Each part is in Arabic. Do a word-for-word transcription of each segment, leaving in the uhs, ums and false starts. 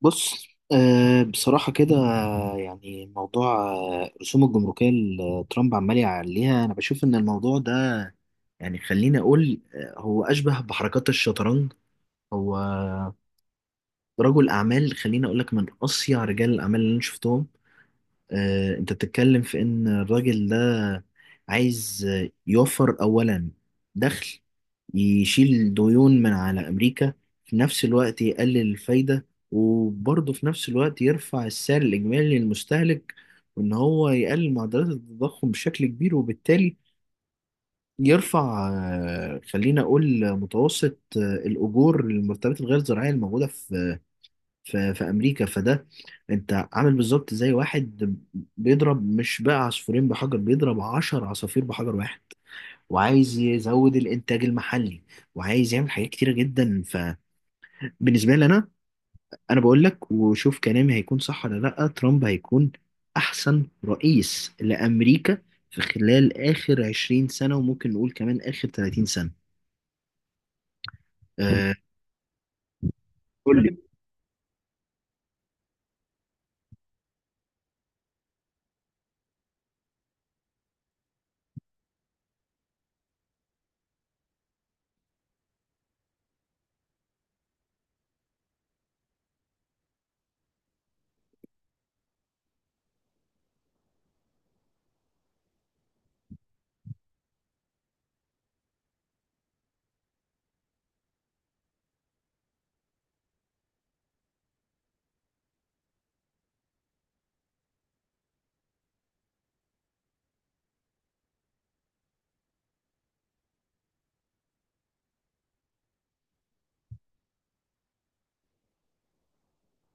بص آه، بصراحة كده، يعني موضوع آه، الرسوم الجمركية اللي ترامب عمال يعليها، أنا بشوف إن الموضوع ده يعني خليني أقول آه، هو أشبه بحركات الشطرنج. هو رجل أعمال، خليني أقول لك من أصيع رجال الأعمال اللي أنا شفتهم. آه، انت بتتكلم في ان الراجل ده عايز آه، يوفر اولا دخل، يشيل ديون من على امريكا، في نفس الوقت يقلل الفايدة، وبرضه في نفس الوقت يرفع السعر الاجمالي للمستهلك، وان هو يقلل معدلات التضخم بشكل كبير، وبالتالي يرفع آه، خلينا اقول متوسط آه، الاجور للمرتبات الغير زراعية الموجودة في في في امريكا. فده انت عامل بالظبط زي واحد بيضرب، مش بقى عصفورين بحجر، بيضرب عشر عصافير بحجر واحد، وعايز يزود الانتاج المحلي، وعايز يعمل حاجات كتيره جدا. فبالنسبه لي انا انا بقول لك، وشوف كلامي هيكون صح ولا لا، ترامب هيكون احسن رئيس لامريكا في خلال اخر عشرين سنه، وممكن نقول كمان اخر ثلاثين سنه. آه قول لي.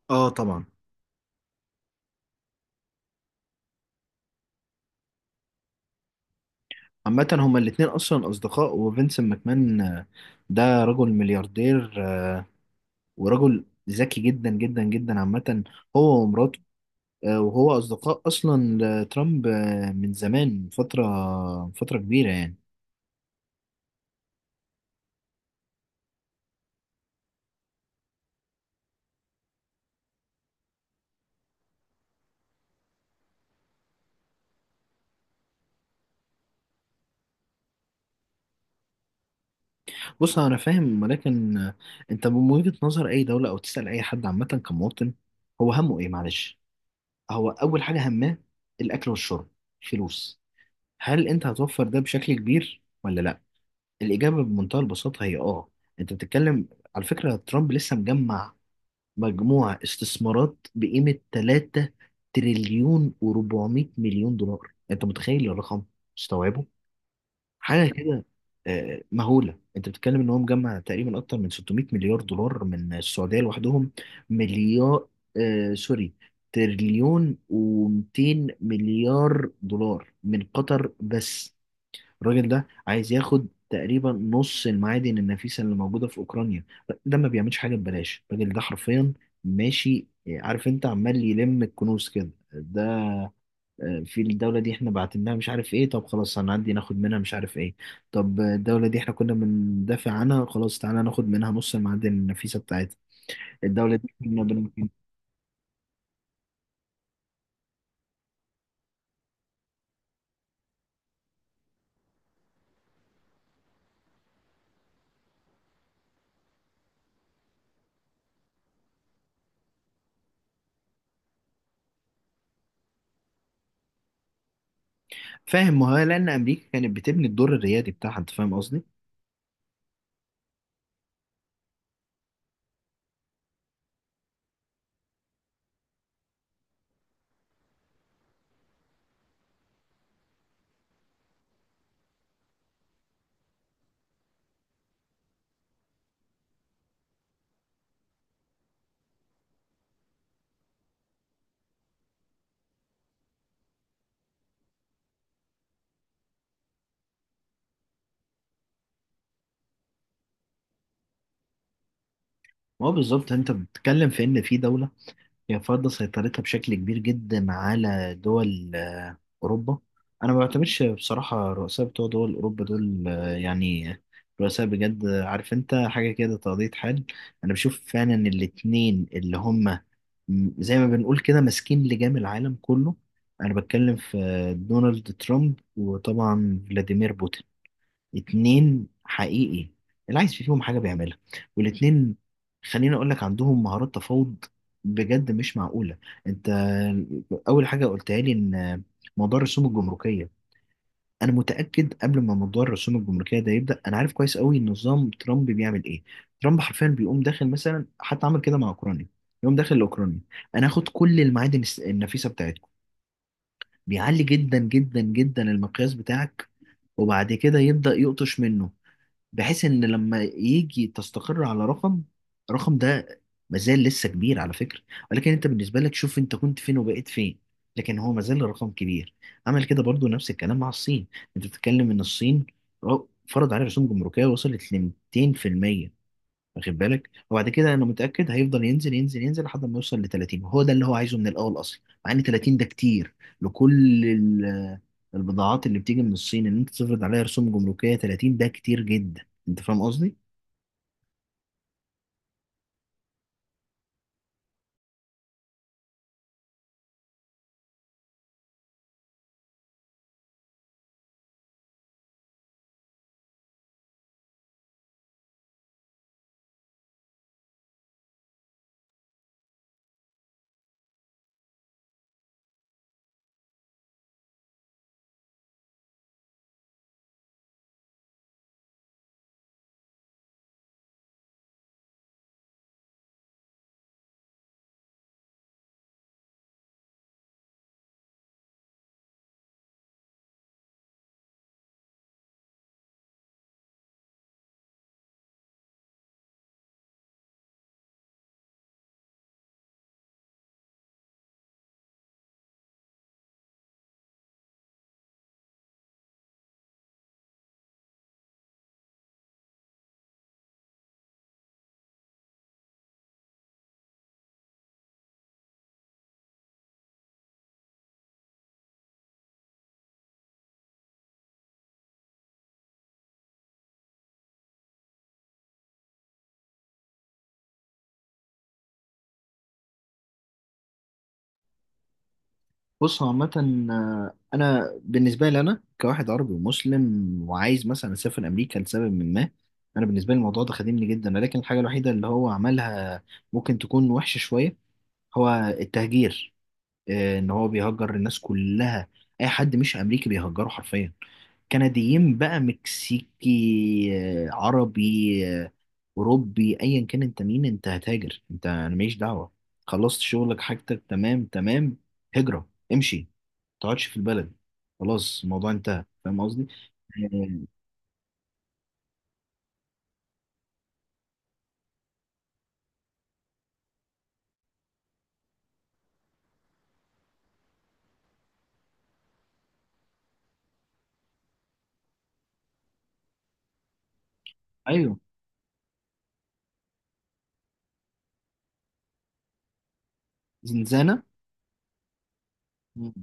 اه طبعا. عامة هما الاتنين أصلا أصدقاء، وفينسنت ماكمان آه، ده رجل ملياردير، آه، ورجل ذكي جدا جدا جدا. عامة هو ومراته آه، وهو أصدقاء أصلا لترامب آه، من زمان، من فترة من فترة كبيرة يعني. بص أنا فاهم، ولكن آه، أنت من وجهة نظر أي دولة، أو تسأل أي حد عامة كمواطن، هو همه إيه؟ معلش، هو أول حاجة هماه الأكل والشرب، فلوس. هل أنت هتوفر ده بشكل كبير ولا لأ؟ الإجابة بمنتهى البساطة هي آه أنت بتتكلم، على فكرة ترامب لسه مجمع مجموعة استثمارات بقيمة ثلاثة تريليون و400 مليون دولار. أنت متخيل الرقم؟ مستوعبه حاجة كده آه، مهولة. أنت بتتكلم إن هو مجمع تقريبا أكتر من ستمئة مليار دولار من السعودية لوحدهم. مليار، آه سوري، تريليون و200 مليار دولار من قطر بس. الراجل ده عايز ياخد تقريبا نص المعادن النفيسة اللي موجودة في أوكرانيا. ده ما بيعملش حاجة ببلاش. الراجل ده حرفيا ماشي، عارف، انت عمال يلم الكنوز كده. ده آه، في الدولة دي احنا بعتناها، مش عارف ايه، طب خلاص هنعدي ناخد منها مش عارف ايه. طب آه، الدولة دي احنا كنا بندافع عنها، خلاص تعالى ناخد منها نص المعادن النفيسة بتاعتها. الدولة دي كنا بن... فاهم؟ ما هو لأن أمريكا كانت بتبني الدور الريادي بتاعها. انت فاهم قصدي؟ ما هو بالظبط، انت بتتكلم في ان في دولة هي فرض سيطرتها بشكل كبير جدا على دول آه، أوروبا. أنا ما بعتمدش بصراحة الرؤساء بتوع دول أوروبا دول آه، يعني رؤساء بجد. آه، عارف أنت حاجة كده، تقضية حال. أنا بشوف فعلا الاتنين اللي هما، م- زي ما بنقول كده، ماسكين لجام العالم كله. أنا بتكلم في آه، دونالد ترامب، وطبعا فلاديمير بوتين. اتنين حقيقي اللي عايز فيهم حاجة بيعملها، والاتنين خليني اقول لك عندهم مهارات تفاوض بجد مش معقولة. انت اول حاجة قلتها لي ان موضوع الرسوم الجمركية، انا متأكد قبل ما موضوع الرسوم الجمركية ده يبدأ، انا عارف كويس قوي نظام ترامب بيعمل ايه. ترامب حرفيا بيقوم داخل، مثلا حتى عمل كده مع اوكرانيا، يقوم داخل لاوكرانيا، انا هاخد كل المعادن الس- النفيسة بتاعتكم. بيعلي جدا جدا جدا المقياس بتاعك، وبعد كده يبدأ يقطش منه، بحيث ان لما يجي تستقر على رقم، الرقم ده مازال لسه كبير على فكرة. ولكن انت بالنسبة لك شوف انت كنت فين وبقيت فين. لكن هو مازال الرقم كبير. عمل كده برضو نفس الكلام مع الصين. انت بتتكلم ان الصين فرض عليها رسوم جمركية وصلت ل مئتين في المية، واخد بالك؟ وبعد كده انا متاكد هيفضل ينزل ينزل ينزل لحد ما يوصل ل ثلاثين، وهو ده اللي هو عايزه من الاول اصلا، مع ان ثلاثين ده كتير لكل ال- البضاعات اللي بتيجي من الصين. ان انت تفرض عليها رسوم جمركيه ثلاثين، ده كتير جدا. انت فاهم قصدي؟ بص هو عامه آه، انا بالنسبه لي، انا كواحد عربي ومسلم وعايز مثلا اسافر امريكا لسبب من ما، انا بالنسبه لي الموضوع ده خادمني جدا. لكن الحاجه الوحيده اللي هو عملها ممكن تكون وحشه شويه، هو التهجير. آه، ان هو بيهجر الناس كلها. اي حد مش امريكي بيهجره حرفيا، كنديين بقى، مكسيكي، آه، عربي، آه، اوروبي، ايا كان انت مين انت هتهاجر. انت انا ماليش دعوه، خلصت شغلك، حاجتك تمام تمام، هجره امشي، ما تقعدش في البلد، خلاص الموضوع انتهى. فاهم قصدي؟ آه، ايوه. زنزانه. مم.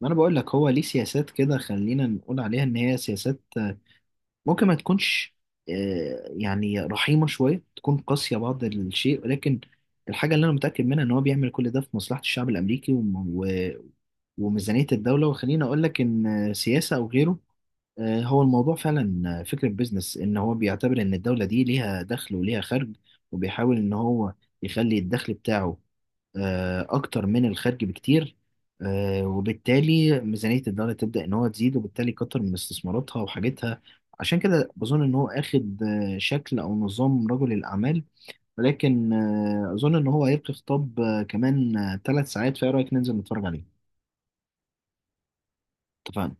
ما انا بقول لك هو ليه سياسات، كده خلينا نقول عليها ان هي سياسات ممكن ما تكونش آه، يعني رحيمة شوية، تكون قاسية بعض الشيء، ولكن الحاجة اللي أنا متأكد منها إن هو بيعمل كل ده في مصلحة الشعب الأمريكي، وم- و- وميزانية الدولة. وخليني أقول لك إن سياسة أو غيره، آه، هو الموضوع فعلا فكرة بيزنس. إن هو بيعتبر إن الدولة دي ليها دخل وليها خرج، وبيحاول إن هو يخلي الدخل بتاعه آه، اكتر من الخارج بكتير، آه، وبالتالي ميزانية الدولة تبدأ ان هو تزيد، وبالتالي كتر من استثماراتها وحاجتها. عشان كده بظن ان هو اخد آه، شكل او نظام رجل الاعمال. ولكن آه، اظن ان هو هيبقى خطاب آه، كمان ثلاث ساعات، فايه رأيك ننزل نتفرج عليه؟ اتفقنا.